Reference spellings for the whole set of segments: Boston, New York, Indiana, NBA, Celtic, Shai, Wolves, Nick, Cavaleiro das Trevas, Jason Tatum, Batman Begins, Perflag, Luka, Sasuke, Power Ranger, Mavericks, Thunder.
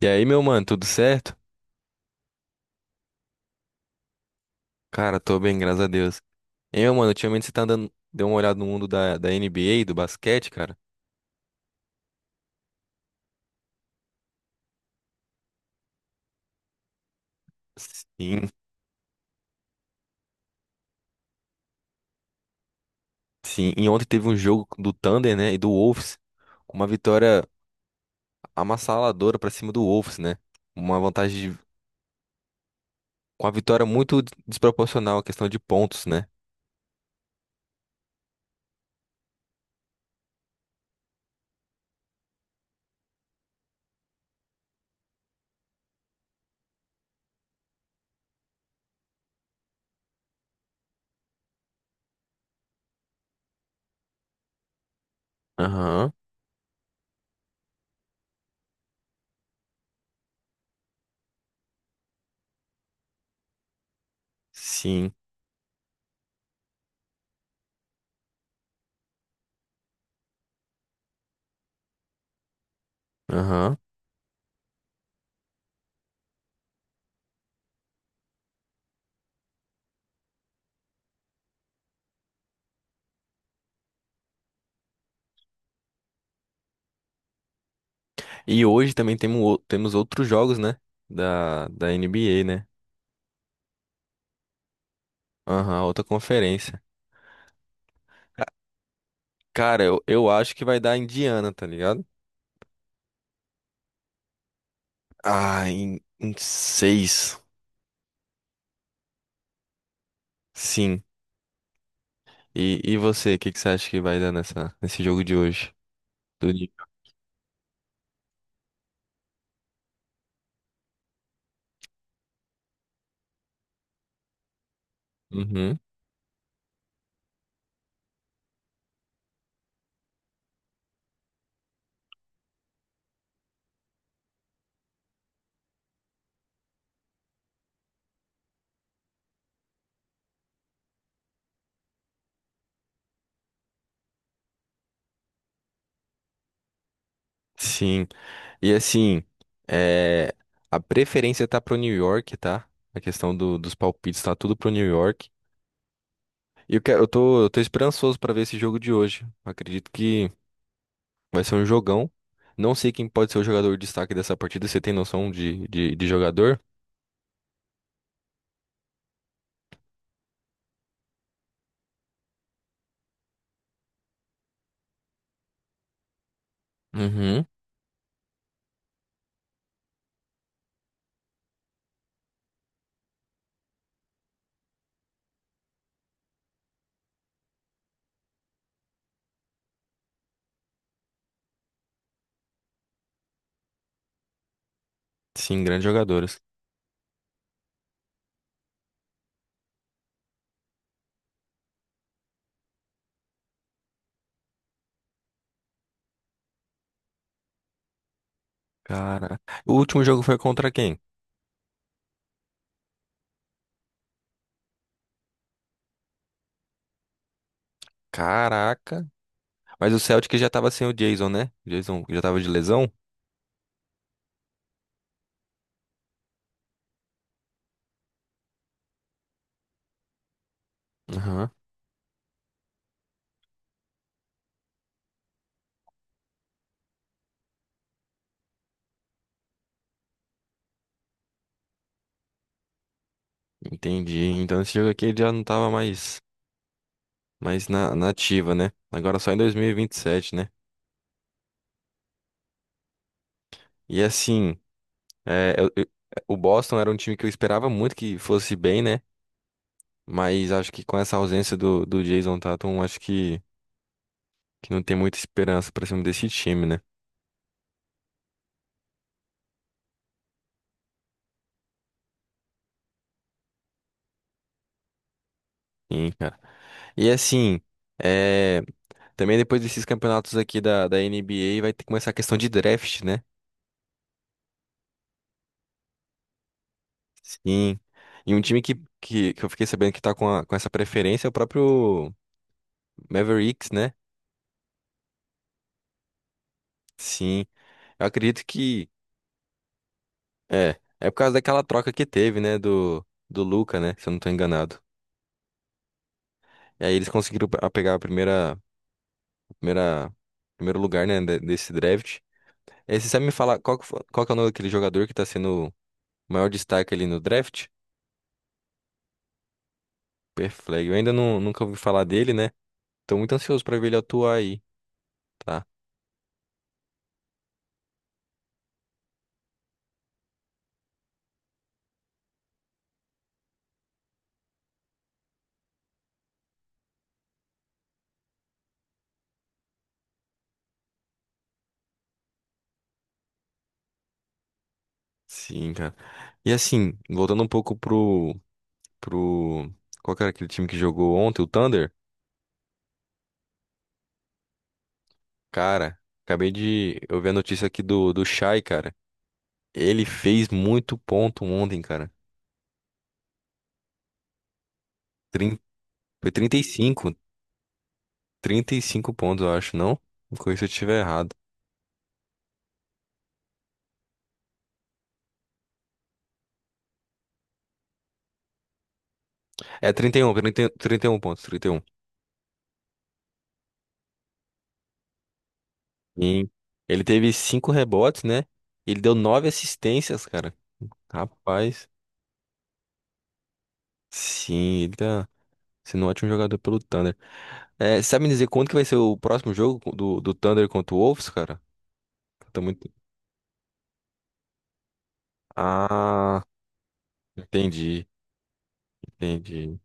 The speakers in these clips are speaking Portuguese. E aí, meu mano, tudo certo? Cara, tô bem, graças a Deus. E aí, meu mano, ultimamente você tá andando, deu uma olhada no mundo da NBA, do basquete, cara? Sim, sim. E ontem teve um jogo do Thunder, né, e do Wolves, com uma vitória amassaladora pra cima do Wolves, né? Uma vantagem, com uma vitória muito desproporcional, a questão de pontos, né? Aham, sim, aham. E hoje também temos outros jogos, né, da NBA, né? Aham, outra conferência. Cara, eu acho que vai dar Indiana, tá ligado? Ah, em seis. Sim. E você, o que você acha que vai dar nesse jogo de hoje? Do Nick? Uhum. Sim. E assim, é, a preferência tá pro New York, tá? A questão do- dos palpites tá tudo pro New York. E eu tô esperançoso pra ver esse jogo de hoje. Acredito que vai ser um jogão. Não sei quem pode ser o jogador destaque dessa partida. Você tem noção de jogador? Uhum. Sim, grandes jogadores. Cara, o último jogo foi contra quem? Caraca. Mas o Celtic já tava sem o Jason, né? O Jason já tava de lesão? Aham. Entendi. Então esse jogo aqui ele já não tava mais na ativa, né? Agora só em 2027, né? E assim, é, o Boston era um time que eu esperava muito que fosse bem, né? Mas acho que com essa ausência do Jason Tatum, acho que não tem muita esperança pra cima desse time, né? Sim, cara. E assim. é, Também depois desses campeonatos aqui da NBA vai ter que começar a questão de draft, né? Sim. E um time que eu fiquei sabendo que tá com essa preferência é o próprio Mavericks, né? Sim. Eu acredito que é. É por causa daquela troca que teve, né? Do Luka, né? Se eu não tô enganado. E aí eles conseguiram pegar primeira, primeiro lugar, né? Desse draft. E aí, você sabe me falar qual que é o nome daquele jogador que tá sendo o maior destaque ali no draft? Perflag. Eu ainda não, nunca ouvi falar dele, né? Tô muito ansioso pra ver ele atuar aí, tá? Sim, cara. E assim, voltando um pouco pro, pro. Qual que era aquele time que jogou ontem? O Thunder? Cara, acabei de. Eu vi a notícia aqui do Shai, cara. Ele fez muito ponto ontem, cara. Trin... Foi 35 pontos, eu acho, não? Me corrija se eu estiver errado. É trinta e um pontos, 30 E um. Sim. Ele teve 5 rebotes, né? Ele deu 9 assistências, cara. Rapaz. Sim, ele tá. Sendo um ótimo jogador pelo Thunder. É, sabe me dizer quando que vai ser o próximo jogo do Thunder contra o Wolves, cara? Tá muito. Ah, entendi, entendi,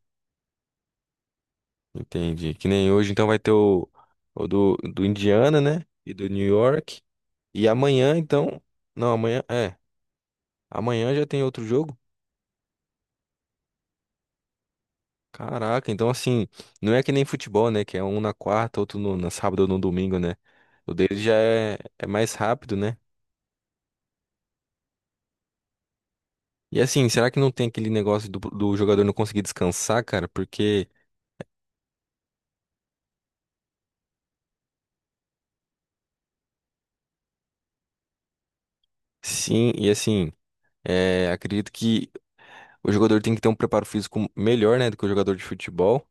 entendi. Que nem hoje, então vai ter o do Indiana, né? E do New York. E amanhã, então. Não, amanhã. É. Amanhã já tem outro jogo? Caraca, então assim, não é que nem futebol, né? Que é um na quarta, outro no, na sábado ou no domingo, né? O dele já é mais rápido, né? E assim, será que não tem aquele negócio do jogador não conseguir descansar, cara? Porque sim, e assim, acredito que o jogador tem que ter um preparo físico melhor, né, do que o jogador de futebol.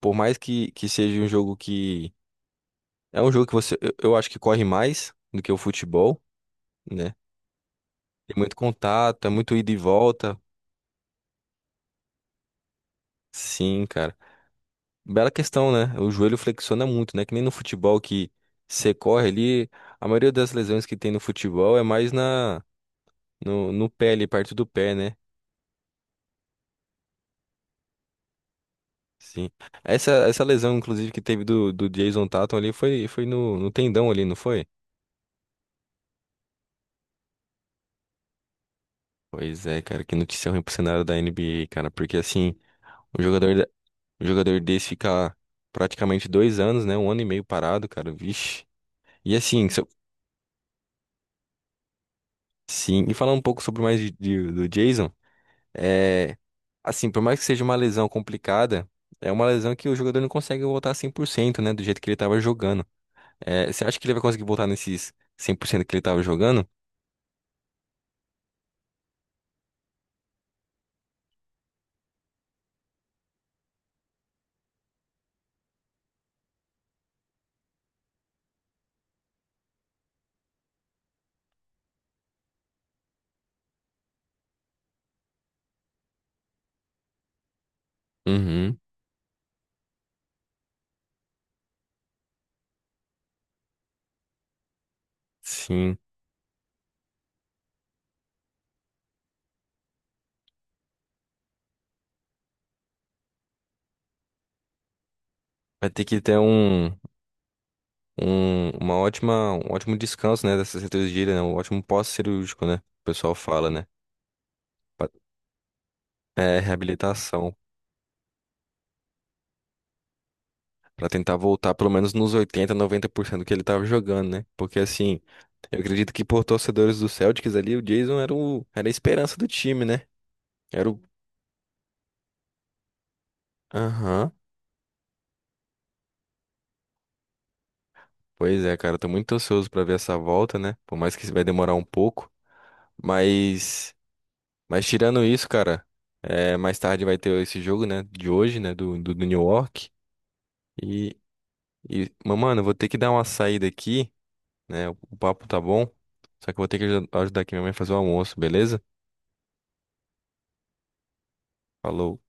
Por mais que seja um jogo que. É um jogo que você. Eu acho que corre mais do que o futebol, né? Tem muito contato, é muito ida e volta. Sim, cara. Bela questão, né? O joelho flexiona muito, né? Que nem no futebol que você corre ali. A maioria das lesões que tem no futebol é mais na No, no pé ali, perto do pé, né? Sim. Essa lesão, inclusive, que teve do Jason Tatum ali foi no tendão ali, não foi? Pois é, cara, que notícia ruim pro cenário da NBA, cara. Porque assim, um jogador, um jogador desse fica praticamente 2 anos, né? Um ano e meio parado, cara. Vixe. E assim, sim, e falar um pouco sobre mais do Jason, é. Assim, por mais que seja uma lesão complicada, é uma lesão que o jogador não consegue voltar 100%, né? Do jeito que ele tava jogando. É, você acha que ele vai conseguir voltar nesses 100% que ele tava jogando? Uhum, sim. Vai ter que ter um ótimo descanso, né, dessa cirurgia, né? Um ótimo pós-cirúrgico, né? O pessoal fala, né? pra- É, reabilitação. Pra tentar voltar pelo menos nos 80%, 90% que ele tava jogando, né? Porque assim, eu acredito que por torcedores do Celtics ali, o Jason era o, era a esperança do time, né? Era o. Aham. Pois é, cara, eu tô muito ansioso pra ver essa volta, né? Por mais que vai demorar um pouco. Mas, mas tirando isso, cara, mais tarde vai ter esse jogo, né, de hoje, né, do New York. E, mas, mano, eu vou ter que dar uma saída aqui, né, o papo tá bom, só que eu vou ter que ajudar aqui minha mãe a fazer o almoço, beleza? Falou.